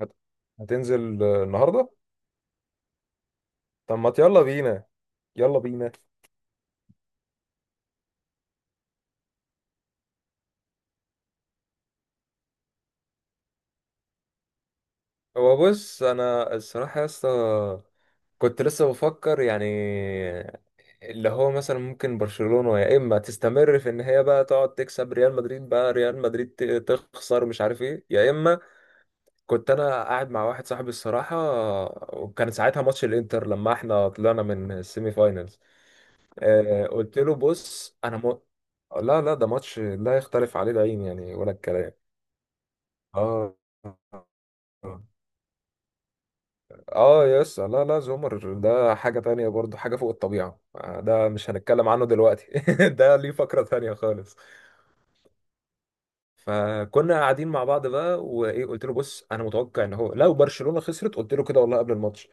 هت- هتنزل النهارده. طب ما يلا بينا. يلا بينا. هو بص، انا الصراحه يا اسطى، كنت لسه بفكر يعني اللي هو مثلا ممكن برشلونه يا اما تستمر في ان هي بقى تقعد تكسب ريال مدريد، بقى ريال مدريد تخسر، مش عارف ايه، يا اما كنت انا قاعد مع واحد صاحبي الصراحه، وكان ساعتها ماتش الانتر لما احنا طلعنا من السيمي فاينلز. قلت له بص، لا، لا، ده ماتش لا يختلف عليه العين يعني ولا الكلام. اه، اه يس، لا، لا، زومر ده حاجة تانية برضو، حاجة فوق الطبيعة. ده مش هنتكلم عنه دلوقتي. ده ليه فقرة تانية خالص. فكنا قاعدين مع بعض بقى، وايه، قلت له بص انا متوقع ان هو لو برشلونة خسرت، قلت له كده والله قبل الماتش.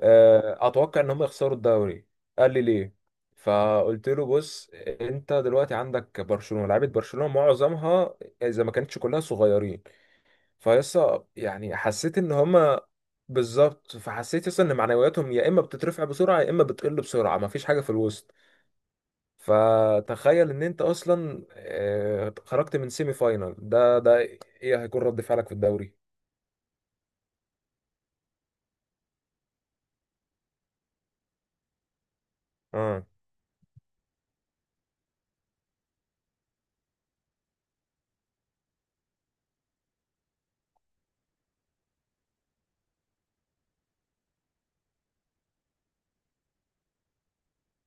اتوقع ان هم يخسروا الدوري. قال لي ليه؟ فقلت له بص، انت دلوقتي عندك برشلونة، لعيبة برشلونة معظمها اذا ما كانتش كلها صغيرين، فيسا يعني حسيت ان هما بالظبط. فحسيت يسا ان معنوياتهم يا اما بتترفع بسرعه يا اما بتقل بسرعه، مفيش حاجه في الوسط. فتخيل ان انت اصلا خرجت من سيمي فاينال ده، ايه هيكون رد فعلك في الدوري؟ اه،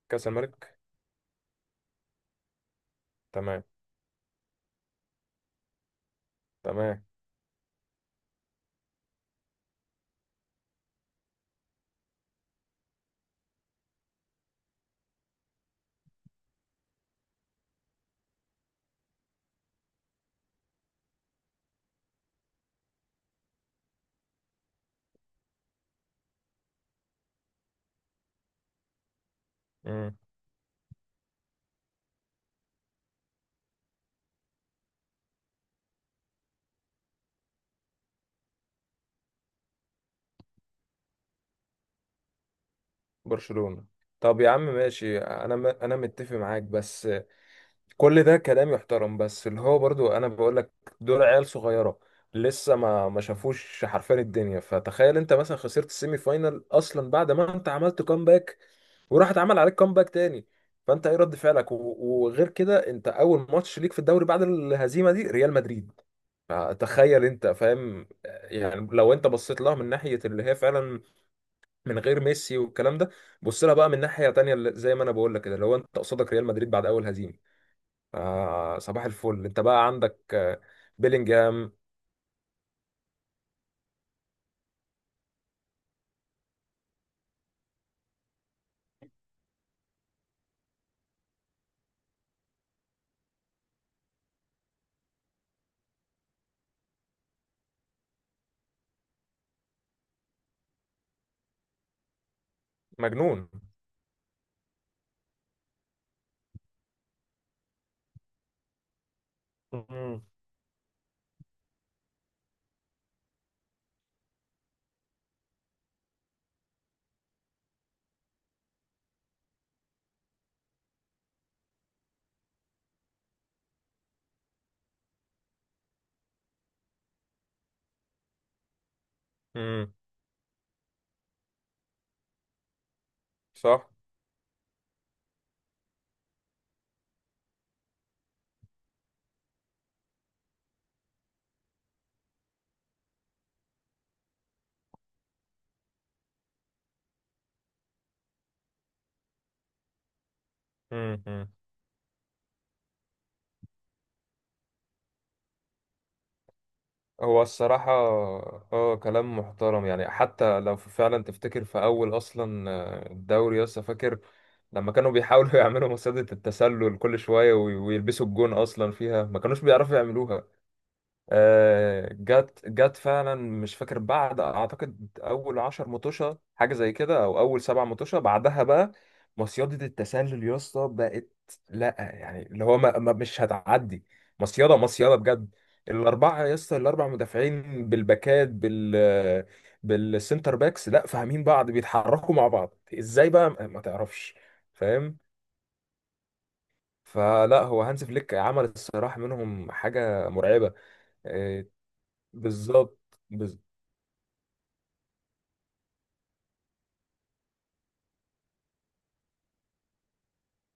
كاس الملك. تمام. تمام. امم. برشلونه. طب يا عم ماشي، انا متفق معاك بس كل ده كلام يحترم، بس اللي هو برضو انا بقول لك، دول عيال صغيره لسه ما شافوش حرفيا الدنيا. فتخيل انت مثلا خسرت السيمي فاينال اصلا بعد ما انت عملت كومباك، وراح اتعمل عليك كومباك تاني، فانت ايه رد فعلك؟ وغير كده انت اول ماتش ليك في الدوري بعد الهزيمه دي ريال مدريد، فتخيل انت فاهم؟ يعني لو انت بصيت لها من ناحيه اللي هي فعلا من غير ميسي والكلام ده، بص لها بقى من ناحيه تانيه زي ما انا بقول لك كده، لو انت قصادك ريال مدريد بعد اول هزيمه، آه صباح الفل، انت بقى عندك بيلينجهام. مجنون. مم. امم. صح. مم. مم. هو الصراحة، اه كلام محترم، يعني حتى لو فعلا تفتكر في أول أصلا الدوري، لسه فاكر لما كانوا بيحاولوا يعملوا مصيدة التسلل كل شوية، ويلبسوا الجون أصلا فيها ما كانوش بيعرفوا يعملوها. جت جت فعلا مش فاكر، بعد اعتقد اول 10 مطوشه حاجه زي كده، او اول 7 مطوشه بعدها بقى مصيده التسلل يا اسطى بقت. لا يعني اللي هو مش هتعدي. مصيده مصيده بجد. الاربعه يا اسطى، الاربع مدافعين بالباكات، بالسنتر باكس، لا، فاهمين بعض بيتحركوا مع بعض، ازاي بقى ما تعرفش؟ فاهم؟ فلا، هو هانز فليك عمل الصراحه منهم حاجه مرعبه. آه، بالظبط. بز-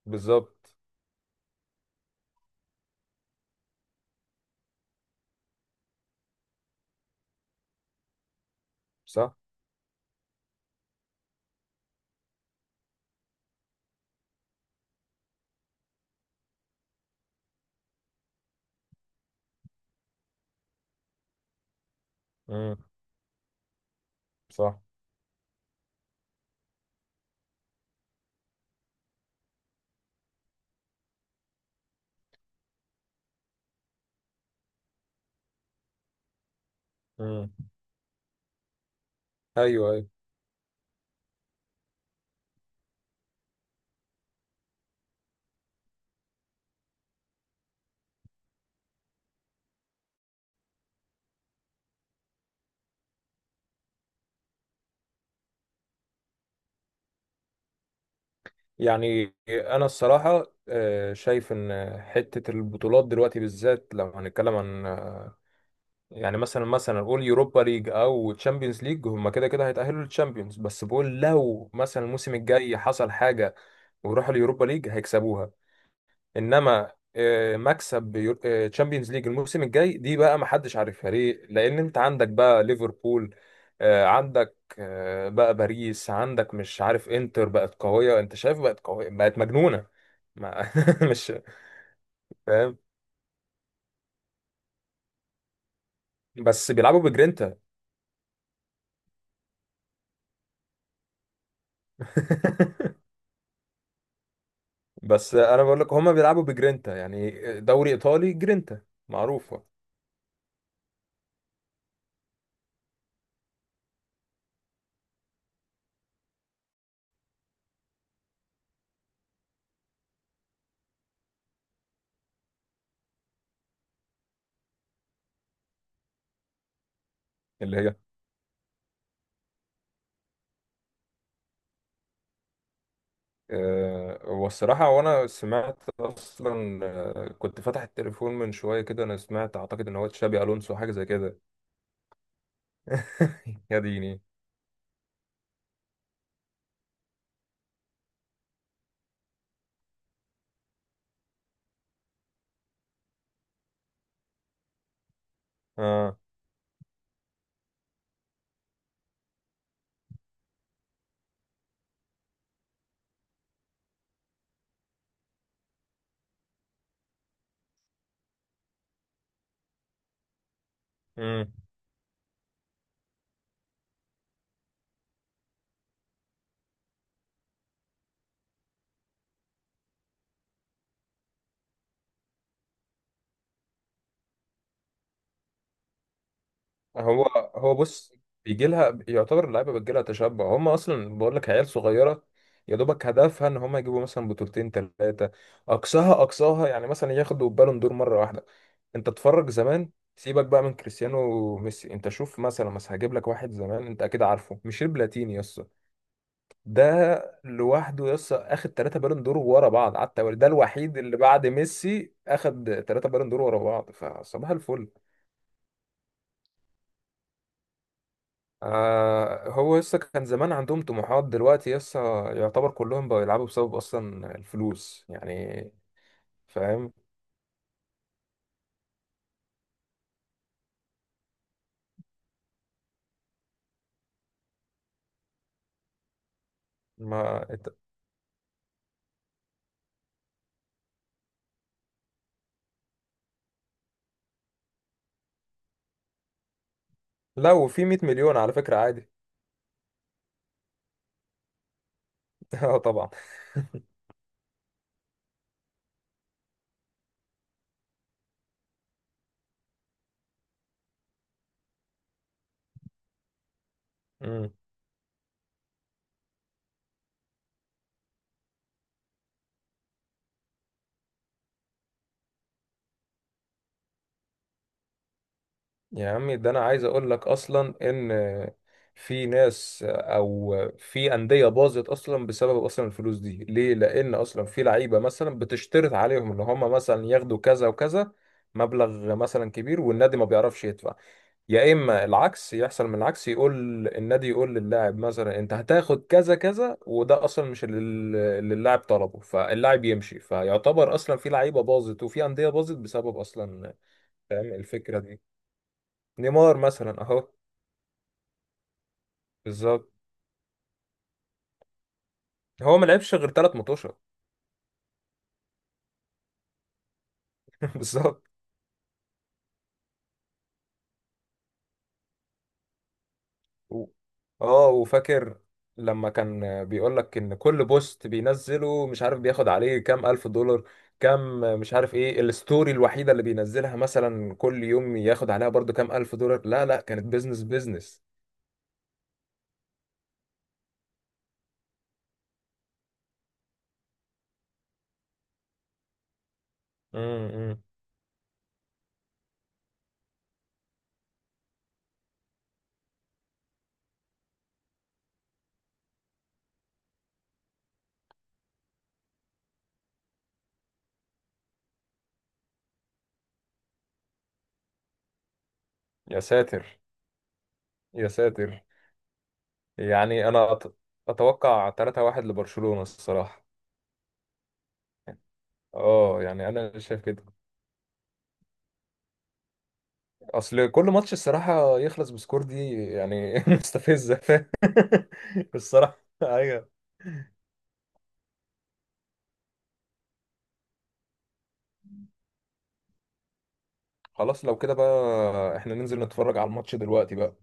بالظبط. صح. امم. صح. امم. ايوه. ايوه. يعني انا الصراحه شايف ان حته البطولات دلوقتي بالذات لو هنتكلم عن يعني مثلا، مثلا قول يوروبا ليج او تشامبيونز ليج، هم كده كده هيتاهلوا للتشامبيونز، بس بقول لو مثلا الموسم الجاي حصل حاجه وراحوا اليوروبا ليج هيكسبوها. انما مكسب تشامبيونز ليج الموسم الجاي دي بقى ما حدش عارفها ليه، لان انت عندك بقى ليفربول، عندك بقى باريس، عندك مش عارف انتر بقت قوية، انت شايف بقت قوية بقت مجنونة. ما مش فاهم، بس بيلعبوا بجرينتا. بس انا بقول لك هما بيلعبوا بجرينتا يعني، دوري ايطالي جرينتا معروفة. اللي هي هو الصراحة، وأنا سمعت أصلا كنت فاتح التليفون من شوية كده، أنا سمعت أعتقد إن هو تشابي ألونسو حاجة زي كده. يا ديني. آه. مم. هو هو بص، بيجي لها يعتبر اللعيبة بتجي لها تشبع، هم أصلا بقول لك عيال صغيرة، يا دوبك هدفها إن هم يجيبوا مثلا بطولتين 3، أقصاها أقصاها يعني مثلا ياخدوا بالون دور مرة واحدة. أنت اتفرج زمان، سيبك بقى من كريستيانو وميسي، انت شوف مثلا، بس هجيب لك واحد زمان انت اكيد عارفه، ميشيل بلاتيني يس، ده لوحده يس اخد 3 بالون دور ورا بعض على التوالي، ده الوحيد اللي بعد ميسي اخد 3 بالون دور ورا بعض. فصباح الفل، آه هو يس كان زمان عندهم طموحات، دلوقتي يس يعتبر كلهم بقوا يلعبوا بسبب اصلا الفلوس يعني فاهم؟ ما إت- لو في 100 مليون على فكرة عادي. اه طبعا. مم. يا عمي ده انا عايز اقول لك اصلا ان في ناس او في انديه باظت اصلا بسبب اصلا الفلوس دي، ليه؟ لان اصلا في لعيبه مثلا بتشترط عليهم ان هم مثلا ياخدوا كذا وكذا مبلغ مثلا كبير، والنادي ما بيعرفش يدفع، يا اما العكس يحصل، من العكس يقول النادي، يقول للاعب مثلا انت هتاخد كذا كذا، وده اصلا مش اللي اللاعب طلبه، فاللاعب يمشي، فيعتبر اصلا في لعيبه باظت وفي انديه باظت بسبب اصلا، فاهم الفكره دي؟ نيمار مثلا اهو. بالظبط. هو ما لعبش غير 3 ماتشات. بالظبط. و- اه، وفاكر لما كان بيقول لك ان كل بوست بينزله مش عارف بياخد عليه كام الف دولار، كام مش عارف ايه، الستوري الوحيده اللي بينزلها مثلا كل يوم ياخد عليها برضو كام الف دولار، لا، لا، كانت بيزنس بيزنس. امم. يا ساتر. يا ساتر. يعني انا اتوقع 3-1 لبرشلونه الصراحه. اه يعني انا شايف كده، اصل كل ماتش الصراحه يخلص بسكور دي يعني، مستفزه، فاهم؟ الصراحه ايوه. خلاص لو كده بقى، احنا ننزل نتفرج على الماتش دلوقتي بقى.